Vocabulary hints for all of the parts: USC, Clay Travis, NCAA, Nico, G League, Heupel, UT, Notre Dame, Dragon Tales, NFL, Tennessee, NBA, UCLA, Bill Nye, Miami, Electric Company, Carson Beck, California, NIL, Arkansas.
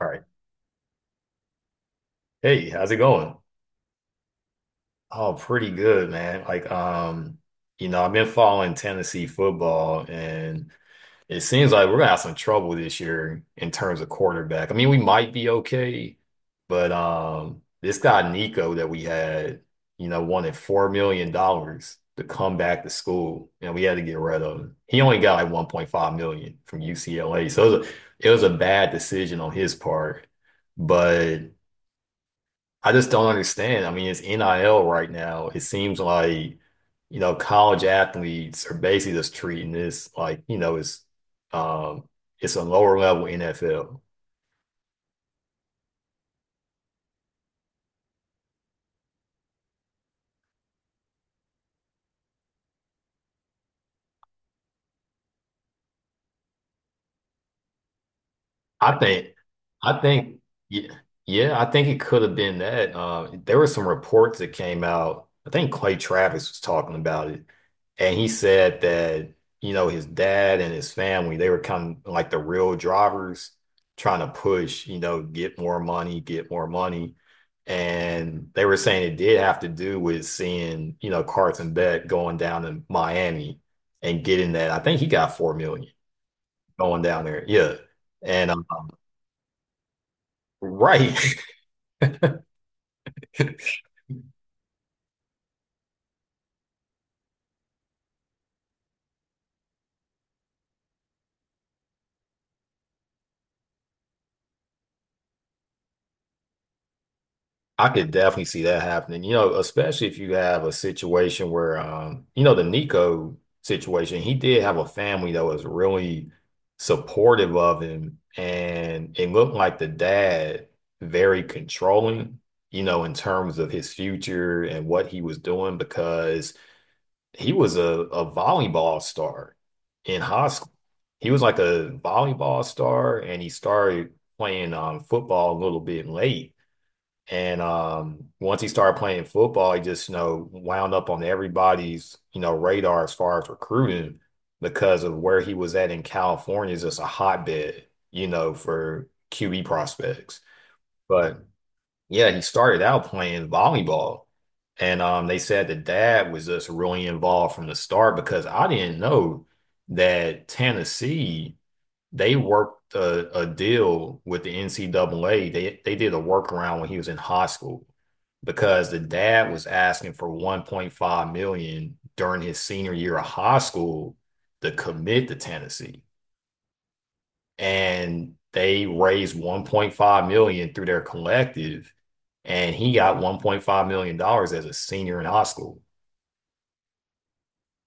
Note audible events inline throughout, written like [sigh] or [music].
All right. Hey, how's it going? Oh, pretty good, man. I've been following Tennessee football, and it seems like we're gonna have some trouble this year in terms of quarterback. I mean, we might be okay, but this guy Nico that we had, you know, wanted $4 million to come back to school, and we had to get rid of him. He only got like 1.5 million from UCLA, so it was a bad decision on his part, but. I just don't understand. I mean, it's NIL right now. It seems like, you know, college athletes are basically just treating this like, um it's a lower level NFL. I think, I think, yeah, yeah, I think it could have been that. There were some reports that came out. I think Clay Travis was talking about it, and he said that, you know, his dad and his family, they were kind of like the real drivers trying to push, you know, get more money, get more money. And they were saying it did have to do with seeing, you know, Carson Beck going down to Miami and getting that. I think he got 4 million going down there. Yeah. And Right. [laughs] I could definitely see that happening, you know, especially if you have a situation where, you know, the Nico situation, he did have a family that was really supportive of him, and it looked like the dad very controlling, you know, in terms of his future and what he was doing because he was a volleyball star in high school. He was like a volleyball star, and he started playing football a little bit late and once he started playing football, he just, you know, wound up on everybody's, you know, radar as far as recruiting because of where he was at in California is just a hotbed, you know, for QB prospects. But yeah, he started out playing volleyball. And they said the dad was just really involved from the start because I didn't know that Tennessee they worked a deal with the NCAA. They did a workaround when he was in high school because the dad was asking for 1.5 million dollars during his senior year of high school to commit to Tennessee. And they raised 1.5 million dollars through their collective and he got 1.5 million dollars as a senior in high school.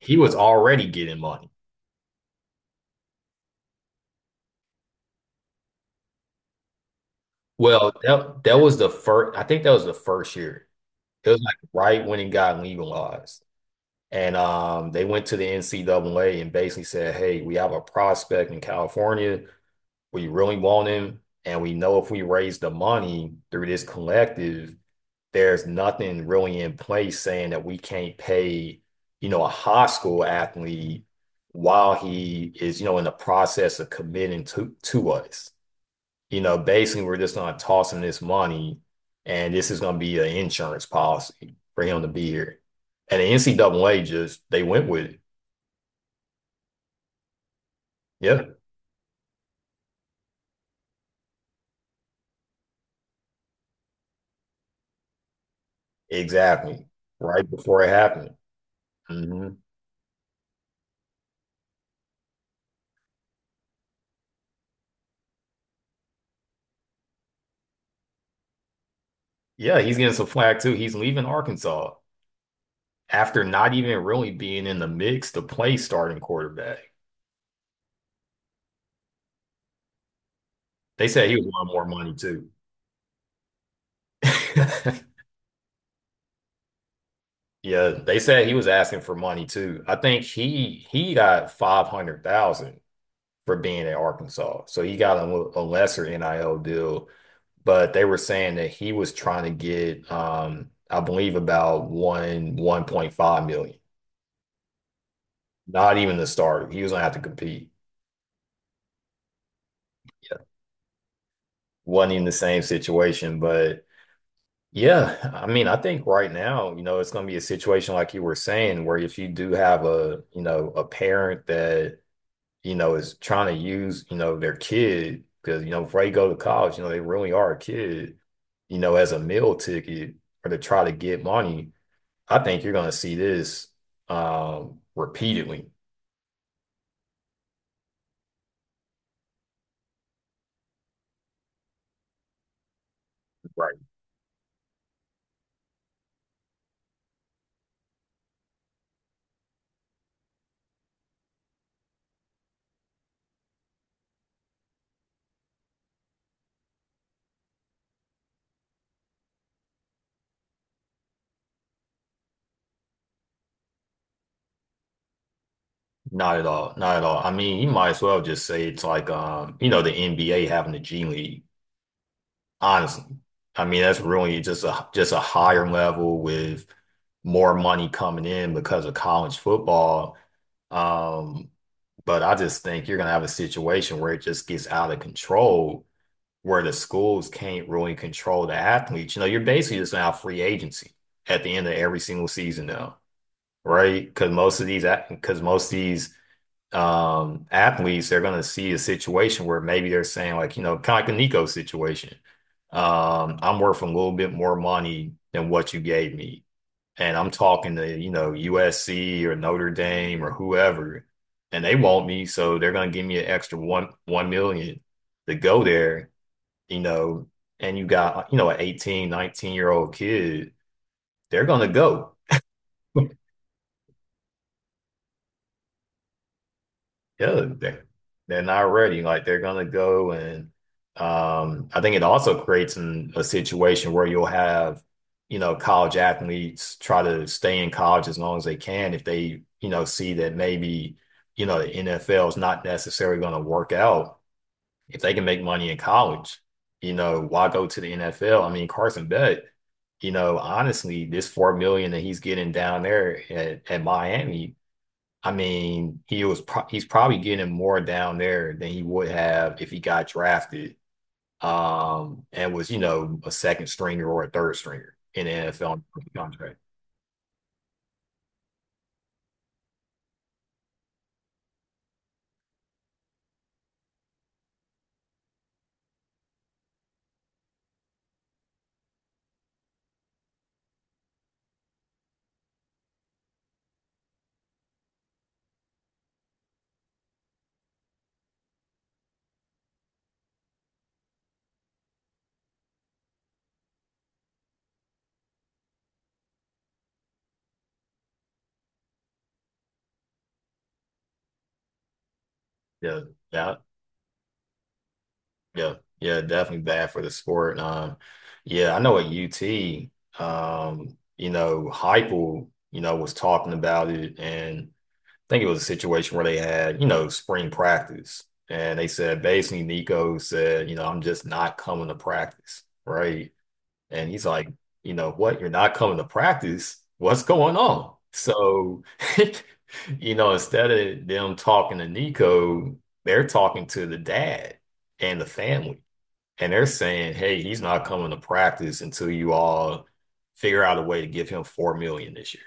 He was already getting money. Well, that was the first I think that was the first year. It was like right when it got legalized. And they went to the NCAA and basically said, hey, we have a prospect in California. We really want him. And we know if we raise the money through this collective, there's nothing really in place saying that we can't pay, you know, a high school athlete while he is, you know, in the process of committing to us, you know, basically we're just gonna toss him this money and this is gonna be an insurance policy for him to be here. And the NCAA just they went with it. Yep, exactly. Right before it happened. hmm Yeah, he's getting some flack too. He's leaving Arkansas after not even really being in the mix to play starting quarterback. They said he was wanting more money too. [laughs] Yeah, they said he was asking for money too. I think he got 500,000 for being at Arkansas. So he got a lesser NIL deal, but they were saying that he was trying to get, I believe, about one 1.5 million. Not even the starter. He was gonna have to compete. Wasn't even the same situation, but yeah, I mean, I think right now, you know, it's gonna be a situation like you were saying, where if you do have a, you know, a parent that you know, is trying to use, you know, their kid because, you know, before they go to college, you know, they really are a kid, you know, as a meal ticket or to try to get money. I think you're going to see this repeatedly. Right. Not at all. Not at all. I mean, you might as well just say it's like, you know, the NBA having the G League. Honestly, I mean, that's really just a higher level with more money coming in because of college football. Um, but I just think you're gonna have a situation where it just gets out of control, where the schools can't really control the athletes. You know, you're basically just gonna have free agency at the end of every single season now, right? Because most of these athletes, they're going to see a situation where maybe they're saying, like, you know, kind of like the Nico situation, I'm worth a little bit more money than what you gave me and I'm talking to, you know, USC or Notre Dame or whoever and they want me so they're going to give me an extra one million to go there, you know, and you got, you know, an 18, 19 year old kid, they're going to go. [laughs] Yeah, they're not ready. Like they're gonna go and I think it also creates a situation where you'll have, you know, college athletes try to stay in college as long as they can if they, you know, see that maybe, you know, the NFL is not necessarily going to work out. If they can make money in college, you know, why go to the NFL? I mean, Carson Beck, you know, honestly, this 4 million that he's getting down there at, Miami, I mean, he's probably getting more down there than he would have if he got drafted, and was, you know, a second stringer or a third stringer in the NFL contract. Yeah, yeah, yeah, yeah, definitely bad for the sport. Yeah, I know at UT, you know, Heupel, you know, was talking about it, and I think it was a situation where they had, you know, spring practice, and they said basically Nico said, you know, I'm just not coming to practice, right? And he's like, you know what? You're not coming to practice. What's going on? So, [laughs] you know, instead of them talking to Nico, they're talking to the dad and the family. And they're saying, hey, he's not coming to practice until you all figure out a way to give him $4 million this year.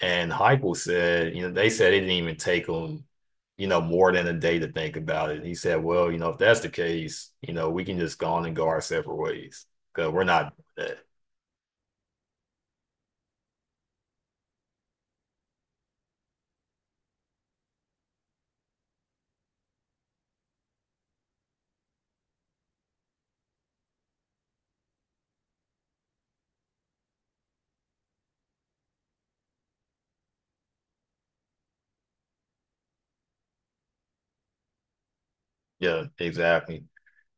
And Heupel said, you know, they said it didn't even take him, you know, more than a day to think about it. And he said, well, you know, if that's the case, you know, we can just go on and go our separate ways because we're not doing that. Yeah, exactly.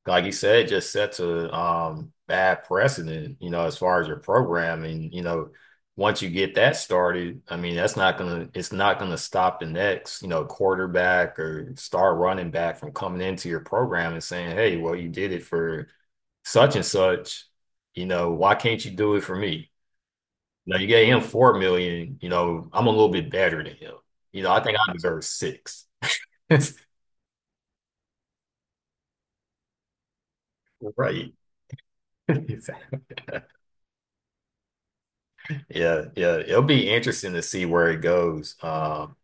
Like you said, just sets a bad precedent, you know, as far as your programming, you know, once you get that started, I mean, that's not gonna it's not gonna stop the next, you know, quarterback or star running back from coming into your program and saying, hey, well, you did it for such and such, you know, why can't you do it for me? Now you gave him 4 million, you know, I'm a little bit better than him. You know, I think I deserve six. [laughs] Right. [laughs] Exactly. Yeah, yeah. It'll be interesting to see where it goes,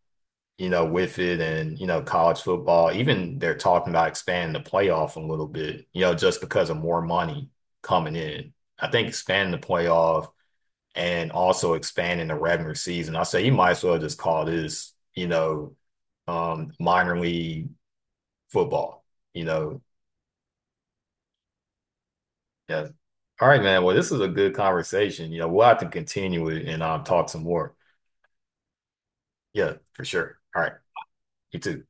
you know, with it and, you know, college football. Even they're talking about expanding the playoff a little bit, you know, just because of more money coming in. I think expanding the playoff and also expanding the regular season. I say you might as well just call this, you know, minor league football, you know. Yeah. All right, man. Well, this is a good conversation. You know, we'll have to continue it and talk some more. Yeah, for sure. All right. You too.